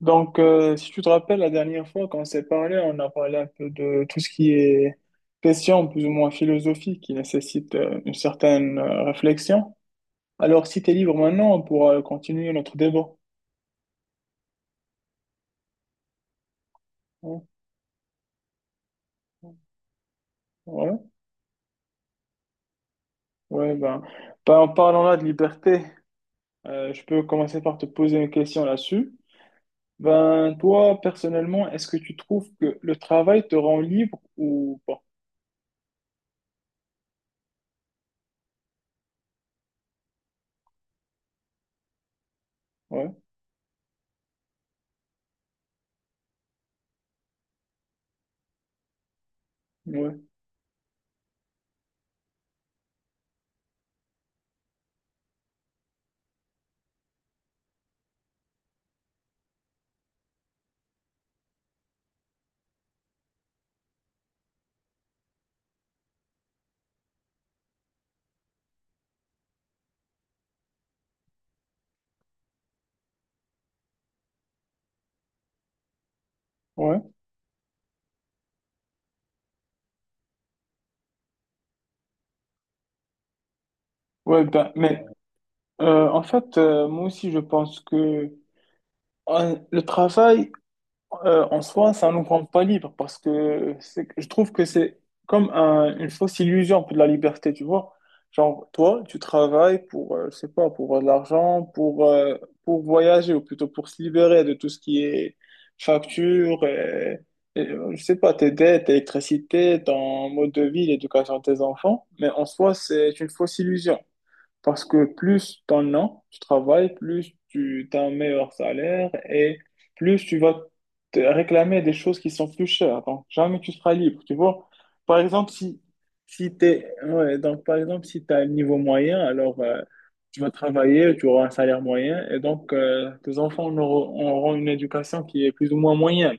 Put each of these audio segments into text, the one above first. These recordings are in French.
Donc, si tu te rappelles, la dernière fois, quand on s'est parlé, on a parlé un peu de tout ce qui est question plus ou moins philosophique qui nécessite une certaine réflexion. Alors, si tu es libre maintenant, on pourra continuer notre débat. Ouais, ouais, ouais, ben, en parlant là de liberté, je peux commencer par te poser une question là-dessus. Ben, toi, personnellement, est-ce que tu trouves que le travail te rend libre ou pas? Ouais, ouais, ouais. Ouais, ben, en fait, moi aussi, je pense que le travail en soi, ça nous rend pas libre parce que je trouve que c'est comme une fausse illusion un peu de la liberté, tu vois. Genre, toi, tu travailles pour, je sais pas, pour de l'argent, pour voyager ou plutôt pour se libérer de tout ce qui est facture, et, je sais pas, tes dettes, électricité, ton mode de vie, l'éducation de tes enfants. Mais en soi, c'est une fausse illusion. Parce que plus t'en as, tu travailles, plus tu as un meilleur salaire et plus tu vas te réclamer des choses qui sont plus chères. Donc, jamais tu seras libre, tu vois. Par exemple, si, si t'es, ouais, donc, par exemple, si t'as un niveau moyen, alors tu vas travailler, tu auras un salaire moyen et donc tes enfants auront une éducation qui est plus ou moins moyenne.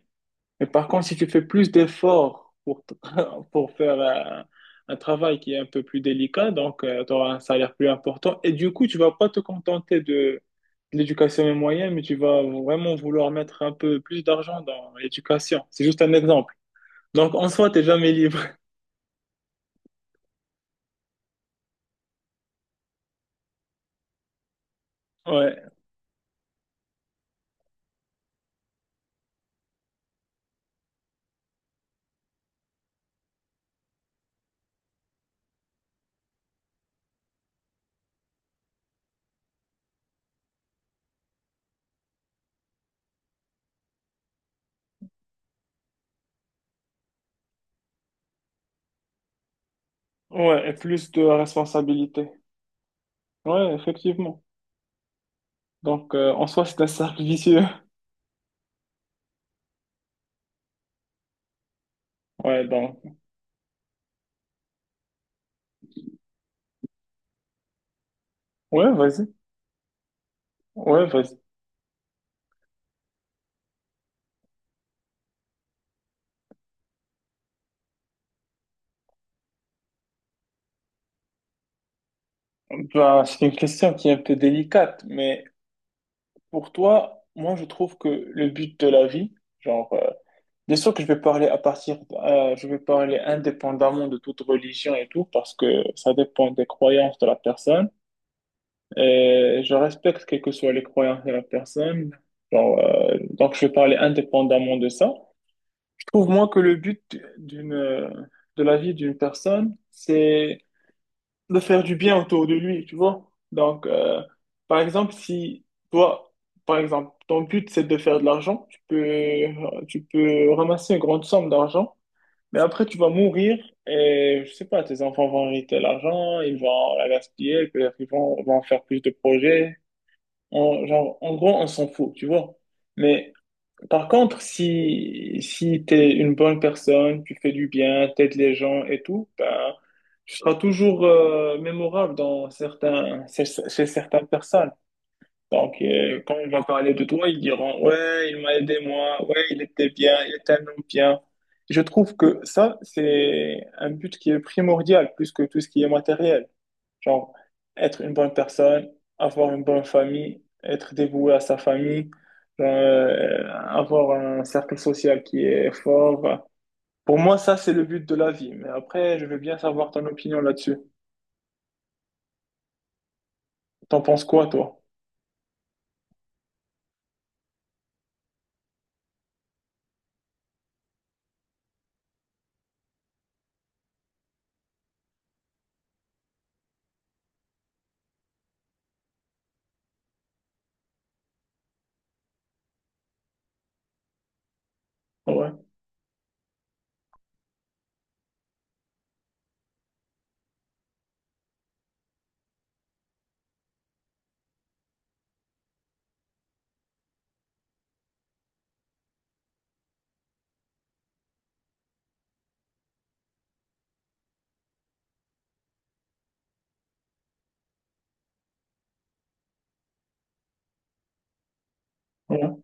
Mais par contre, si tu fais plus d'efforts pour, pour faire un, travail qui est un peu plus délicat, donc tu auras un salaire plus important. Et du coup, tu vas pas te contenter de l'éducation moyenne, mais tu vas vraiment vouloir mettre un peu plus d'argent dans l'éducation. C'est juste un exemple. Donc en soi, t'es jamais libre. Ouais, ouais, et plus de responsabilité. Ouais, effectivement. Donc en soi, c'est un cercle vicieux. Ouais, donc, ouais, vas-y. Ouais, vas-y. Bah, c'est une question qui est un peu délicate, mais moi, je trouve que le but de la vie, genre, bien sûr que je vais parler je vais parler indépendamment de toute religion et tout, parce que ça dépend des croyances de la personne. Et je respecte quelles que soient les croyances de la personne. Genre, donc, je vais parler indépendamment de ça. Je trouve, moi, que le but de la vie d'une personne, de faire du bien autour de lui, tu vois. Donc, par exemple, si toi, par exemple, ton but c'est de faire de l'argent, tu peux ramasser une grande somme d'argent, mais après tu vas mourir et je sais pas, tes enfants vont hériter l'argent, ils vont la gaspiller, peut-être ils vont faire plus de projets. Genre, en gros, on s'en fout, tu vois. Mais par contre, si tu es une bonne personne, tu fais du bien, t'aides les gens et tout, ben, tu seras toujours mémorable chez certaines personnes. Donc, quand on va parler de toi, ils diront, ouais, il m'a aidé moi, ouais, il était bien, il était un homme bien. Je trouve que ça, c'est un but qui est primordial plus que tout ce qui est matériel. Genre, être une bonne personne, avoir une bonne famille, être dévoué à sa famille, avoir un cercle social qui est fort. Pour moi, ça, c'est le but de la vie. Mais après, je veux bien savoir ton opinion là-dessus. T'en penses quoi, toi? Ouais, ouais,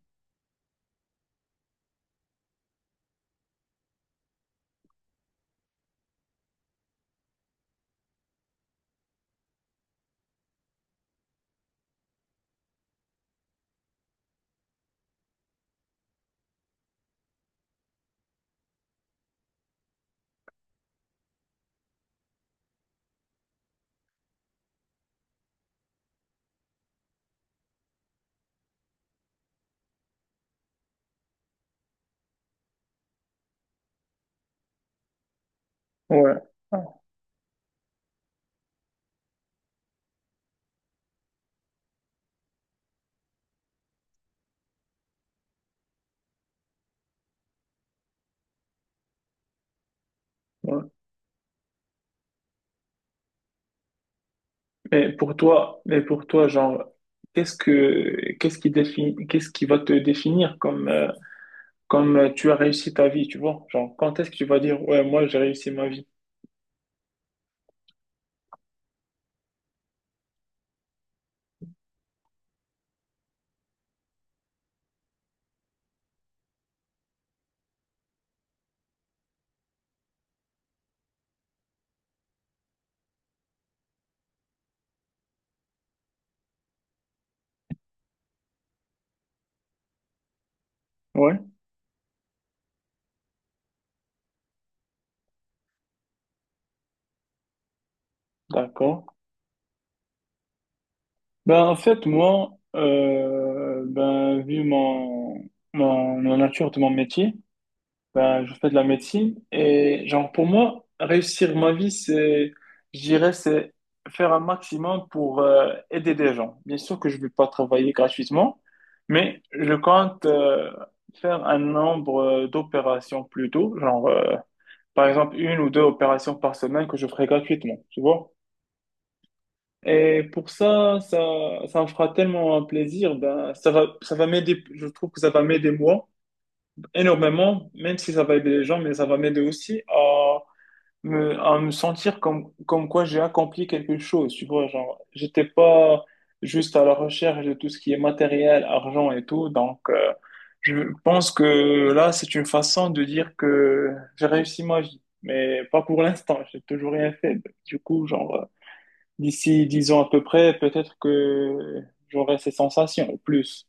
ouais, ouais. Ouais. Mais pour toi, genre, qu'est-ce qui va te définir comme tu as réussi ta vie, tu vois? Genre, quand est-ce que tu vas dire, ouais, moi, j'ai réussi ma vie? Ouais, d'accord. Ben, en fait, moi, ben, la nature de mon métier, ben, je fais de la médecine et genre pour moi, réussir ma vie, c'est, je dirais, c'est faire un maximum pour aider des gens. Bien sûr que je ne vais pas travailler gratuitement, mais je compte faire un nombre d'opérations plutôt, genre par exemple une ou deux opérations par semaine que je ferai gratuitement, tu vois? Et pour ça, ça me fera tellement un plaisir, ben, ça va m'aider, je trouve que ça va m'aider moi énormément, même si ça va aider les gens, mais ça va m'aider aussi à me sentir comme quoi j'ai accompli quelque chose, tu vois, genre, j'étais pas juste à la recherche de tout ce qui est matériel, argent et tout, donc je pense que là, c'est une façon de dire que j'ai réussi ma vie, mais pas pour l'instant, j'ai toujours rien fait, du coup, genre, d'ici 10 ans à peu près, peut-être que j'aurai ces sensations, ou plus,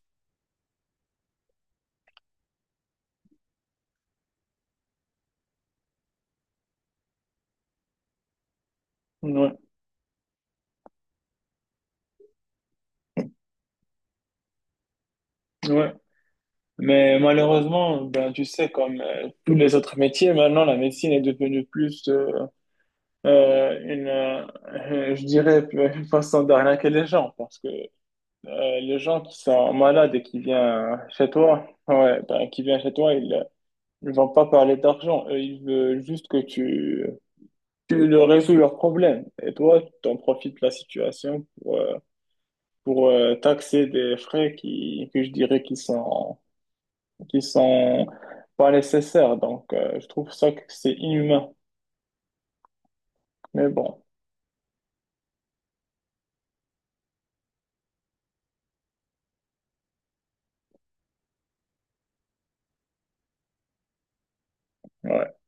ouais, ouais. Mais malheureusement, ben, tu sais, comme tous les autres métiers, maintenant, la médecine est devenue plus euh, une, euh, je dirais, une façon d'arnaquer les gens. Parce que les gens qui sont malades et qui viennent chez toi, ouais, ben, qui viennent chez toi, ils ne vont pas parler d'argent. Eux, ils veulent juste que tu leur résous leurs problèmes. Et toi, tu en profites de la situation pour taxer des frais que je dirais qui sont pas nécessaires. Donc, je trouve ça que c'est inhumain. Mais bon, ouais.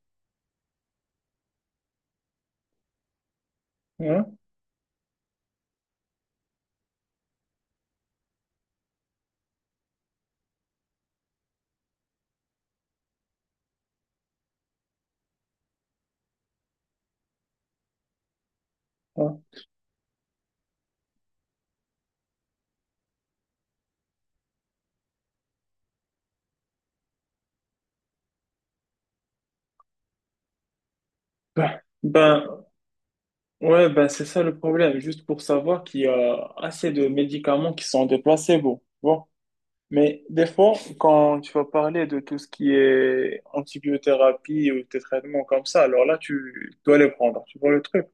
Ouais, ouais. Ben, ouais, ben, c'est ça le problème. Juste pour savoir qu'il y a assez de médicaments qui sont des placebos. Bon. Mais des fois, quand tu vas parler de tout ce qui est antibiothérapie ou des traitements comme ça, alors là, tu dois les prendre. Tu vois le truc?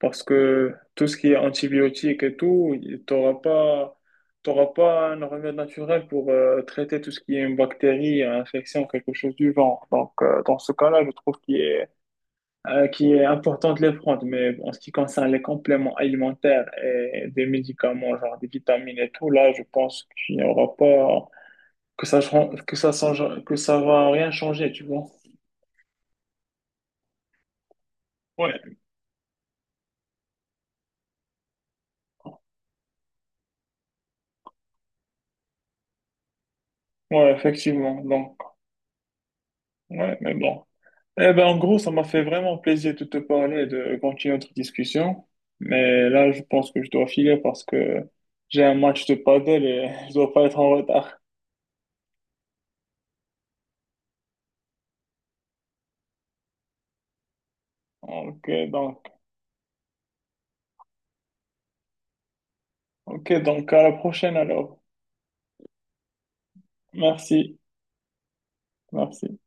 Parce que tout ce qui est antibiotiques et tout, tu n'auras pas, t'auras pas un remède naturel pour traiter tout ce qui est une bactérie, une infection, quelque chose du genre. Donc, dans ce cas-là, je trouve qu'il est important de les prendre. Mais bon, en ce qui concerne les compléments alimentaires et des médicaments, genre des vitamines et tout, là, je pense qu'il n'y aura pas, que ça, change- que ça va rien changer, tu vois. Ouais, ouais, effectivement. Donc, ouais, mais bon. Eh ben, en gros, ça m'a fait vraiment plaisir de te parler et de continuer notre discussion. Mais là, je pense que je dois filer parce que j'ai un match de paddle et je dois pas être en retard. Ok, donc, ok, donc, à la prochaine alors. Merci, merci.